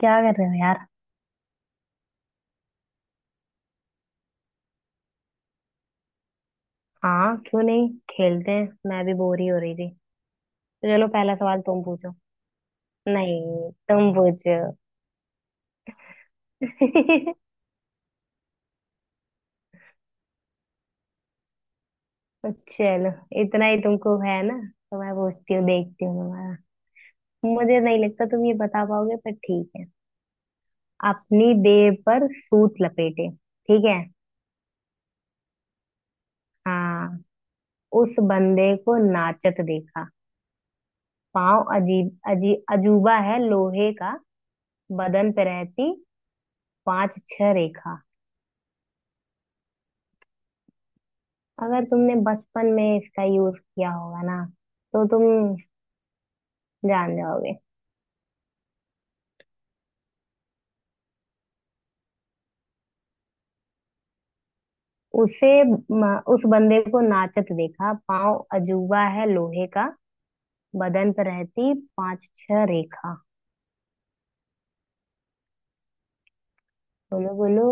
क्या कर रहे हो यार। हाँ क्यों नहीं, खेलते हैं, मैं भी बोर ही हो रही थी। तो चलो पहला सवाल तुम पूछो। नहीं तुम पूछो। चलो, इतना ही तुमको है ना। तो मैं पूछती हूँ, देखती हूँ तुम्हारा। मुझे नहीं लगता तुम ये बता पाओगे, पर ठीक है। अपनी देह पर सूत लपेटे, ठीक है। हाँ। उस बंदे को नाचत देखा, पाँव अजीब अजीब अजूबा है लोहे का, बदन पे रहती पांच छह रेखा। अगर तुमने बचपन में इसका यूज किया होगा ना, तो तुम जान जाओगे। उस बंदे को नाचत देखा, पाँव अजूबा है लोहे का, बदन पर रहती पांच छह रेखा। बोलो बोलो।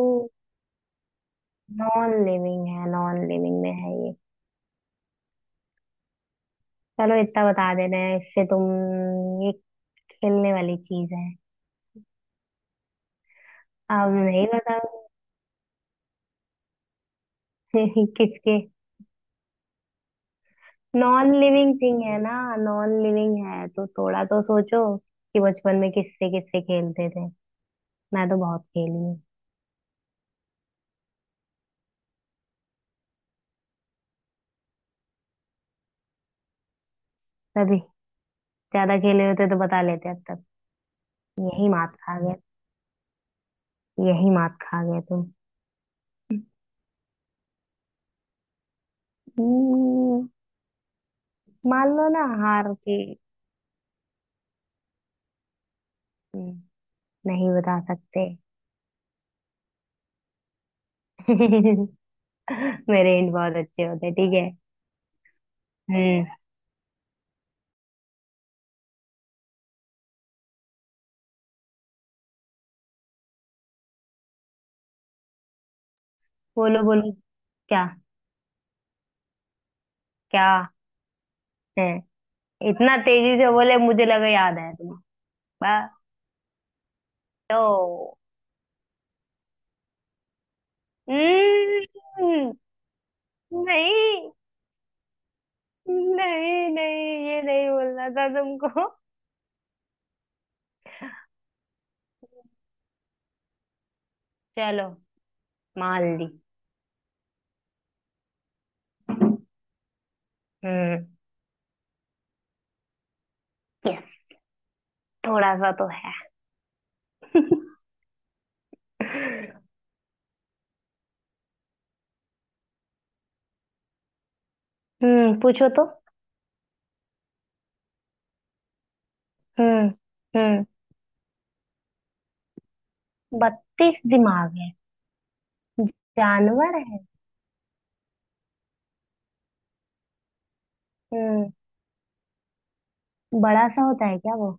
नॉन लिविंग है, नॉन लिविंग में है ये। चलो इतना बता दे रहे हैं, इससे तुम ये खेलने वाली चीज है। अब नहीं बताओ। किसके। नॉन लिविंग थिंग है ना। नॉन लिविंग है तो थोड़ा तो सोचो कि बचपन में किससे किससे खेलते थे। मैं तो बहुत खेली हूँ। तभी। ज्यादा खेले होते तो बता लेते अब तक। यही मात खा गए। यही मात खा गए तुम। हम्म। मान लो ना हार के। हम्म। नहीं बता सकते। मेरे हिंट बहुत अच्छे होते, ठीक है। हम्म। बोलो बोलो, क्या क्या है। इतना तेजी से बोले मुझे लगा याद है तुम्हें। बस। तो। हम्म। नहीं, नहीं नहीं, ये नहीं बोलना था तुमको। चलो, मान ली। हम्म। यस। थोड़ा सा तो है। हम्म, पूछो तो। हम्म। हम्म। बत्तीस दिमाग है। जानवर है। हम्म। बड़ा सा होता है क्या वो।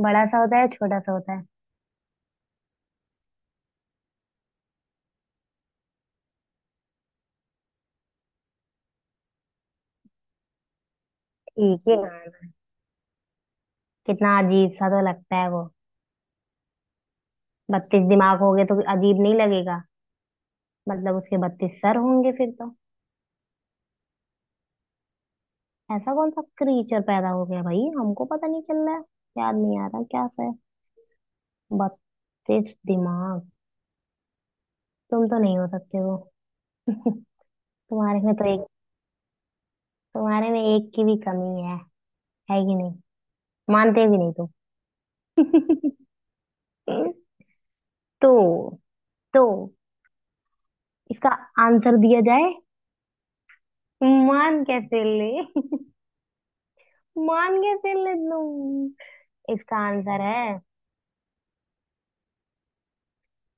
बड़ा सा होता है छोटा सा होता है। ठीक है। कितना अजीब सा तो लगता है वो। बत्तीस दिमाग हो गए तो अजीब नहीं लगेगा। मतलब उसके बत्तीस सर होंगे फिर तो। ऐसा कौन सा क्रीचर पैदा हो गया भाई, हमको पता नहीं चल रहा है। याद नहीं आ रहा क्या से। बत्तीस दिमाग। तुम तो नहीं हो सकते हो। तुम्हारे में तो एक। तुम्हारे में एक की भी कमी है। है कि नहीं। मानते भी नहीं तुम। हम्म। तो तो इसका आंसर दिया जाए। मान कैसे ले। मान कैसे ले तुम। इसका आंसर है।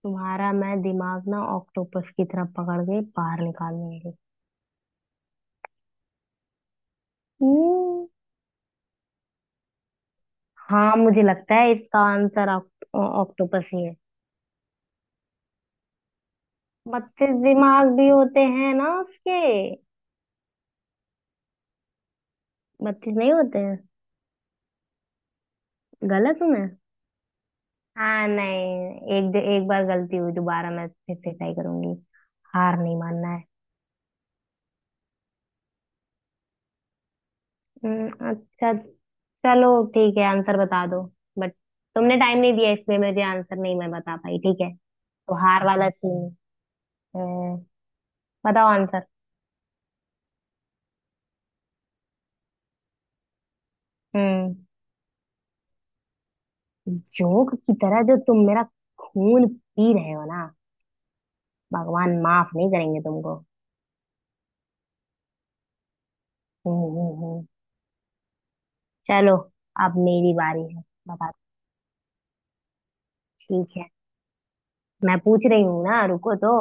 तुम्हारा मैं दिमाग ना ऑक्टोपस की तरह पकड़ के बाहर निकाल लूंगी। हम्म। हाँ मुझे लगता है इसका आंसर ऑक्टोपस ही है। बत्तीस दिमाग भी होते हैं ना उसके। बत्तीस नहीं होते हैं। गलत हूँ मैं। हाँ नहीं। एक एक बार गलती हुई, दोबारा मैं फिर से ट्राई करूंगी। हार नहीं मानना है। अच्छा। चलो ठीक है आंसर बता दो। बट तुमने टाइम नहीं दिया इसमें, मुझे आंसर नहीं मैं बता पाई, ठीक है, तो हार वाला सीन। हम्म। बताओ आंसर। हम्म। जोक की तरह जो तुम मेरा खून पी रहे हो ना, भगवान माफ नहीं करेंगे तुमको। हम्म हम्म हम्म। चलो अब मेरी बारी है। बता। ठीक है, मैं पूछ रही हूँ ना, रुको तो।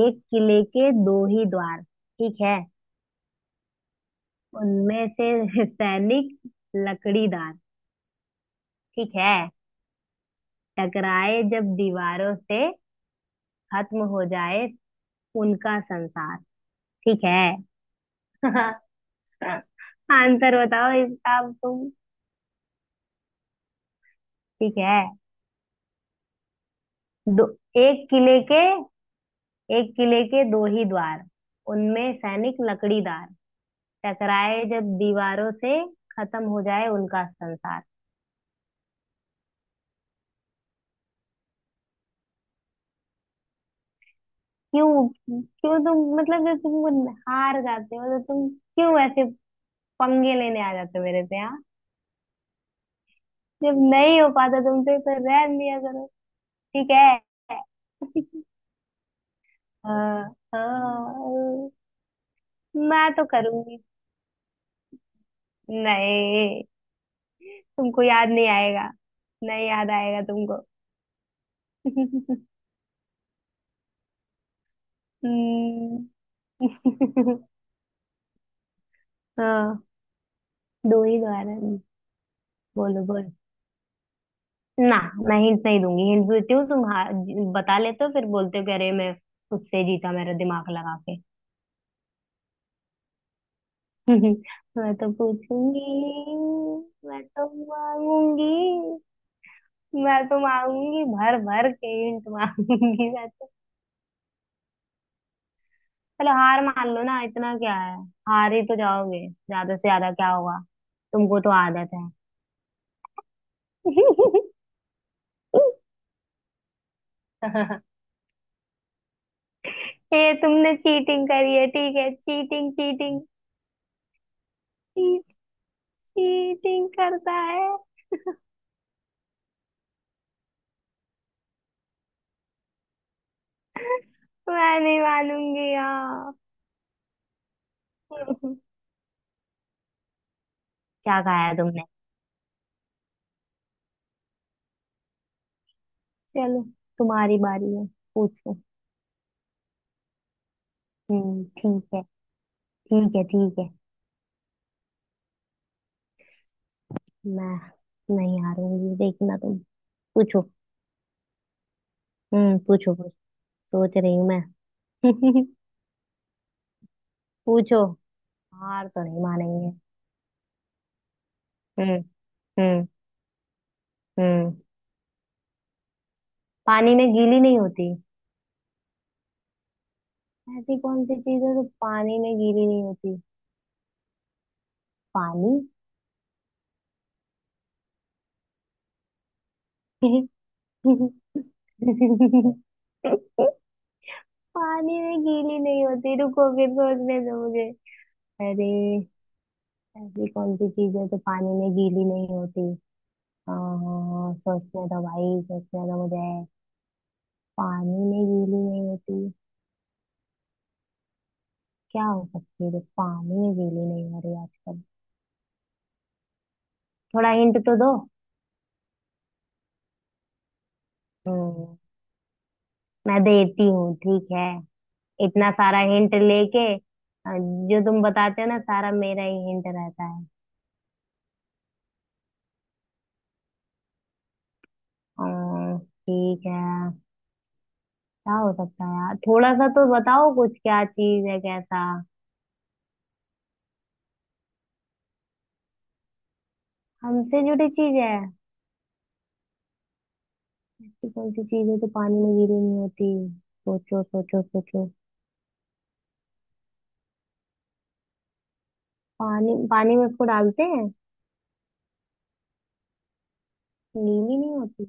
एक किले के दो ही द्वार, ठीक है। उनमें से सैनिक लकड़ीदार, ठीक है। टकराए जब दीवारों से, खत्म हो जाए उनका संसार। ठीक है। आंसर बताओ इसका अब तुम। ठीक है। दो। एक किले के, एक किले के दो ही द्वार, उनमें सैनिक लकड़ीदार, टकराए जब दीवारों से, खत्म हो जाए उनका संसार। क्यों क्यों तुम, मतलब जब तुम हार जाते हो तो तुम क्यों ऐसे पंगे लेने आ जाते हो मेरे से हाँ। जब नहीं हो पाता तुमसे तो रहन दिया करो। ठीक है। हाँ। हाँ। मैं तो करूंगी। नहीं, तुमको याद नहीं आएगा। नहीं याद आएगा तुमको। हम्म। हाँ। दो ही दोबारा। बोलो बोलो। ना, मैं हिंट नहीं दूंगी। हिंट देती हूँ तुम बता लेते हो फिर बोलते हो कि अरे मैं उससे जीता मेरा दिमाग लगा के। मैं तो पूछूंगी। मैं तो मांगूंगी। मैं तो मांगूंगी भर भर के हिंट मांगूंगी मैं तो। चलो हार मान लो ना, इतना क्या है। हार ही तो जाओगे, ज्यादा से ज्यादा क्या होगा। तुमको तो आदत है। ये तुमने चीटिंग करी है ठीक है, चीटिंग चीटिंग। चीटिंग करता है। मैं नहीं मानूंगी यार। क्या खाया तुमने। चलो तुम्हारी बारी है। पूछो। हम्म, ठीक है। ठीक है ठीक है। मैं नहीं हारूंगी देखना तुम। पूछो। हम्म, पूछो पूछो। सोच रही हूँ मैं। पूछो। हार तो नहीं मानेंगे। हम्म। हम्म। हम्म। पानी में गीली नहीं होती। ऐसी कौन सी चीज है जो पानी में गीली नहीं होती। पानी। पानी में गीली नहीं होती, रुको फिर सोचने दो मुझे। अरे, ऐसी कौन सी चीज है जो पानी में गीली नहीं होती। आ, सोचने दो भाई, सोचने दो मुझे। पानी में गीली नहीं होती। क्या हो सकती है जो पानी में गीली नहीं हो रही आजकल। थोड़ा हिंट तो दो। हम्म। मैं देती हूँ ठीक है। इतना सारा हिंट लेके जो तुम बताते हो ना सारा मेरा ही हिंट रहता है। अ, ठीक है। क्या हो सकता है यार, थोड़ा सा तो बताओ कुछ, क्या चीज है कैसा। हमसे जुड़ी चीज है। ऐसी कौन सी चीज है जो पानी में गीली नहीं होती। सोचो सोचो सोचो। पानी, पानी में उसको डालते हैं गीली नहीं होती।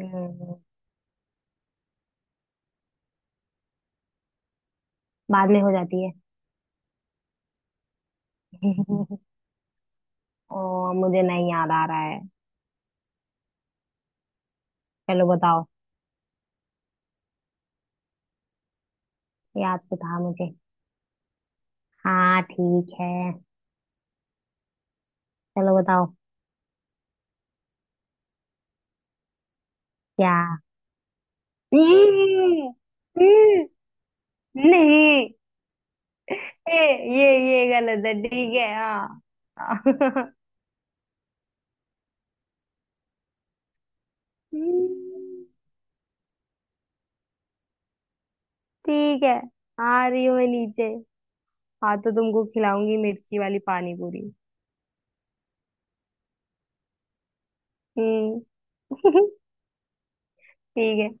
हम्म। बाद में हो जाती है। मुझे नहीं याद आ रहा है। चलो बताओ। याद तो था मुझे। हाँ ठीक है। चलो बताओ। क्या। हम्म। हम्म। नहीं। ए, ये ये गलत है ठीक है हाँ। हम्म। ठीक है, आ रही हूँ मैं नीचे। हाँ तो तुमको खिलाऊंगी मिर्ची वाली पानी पूरी। हम्म। ठीक है।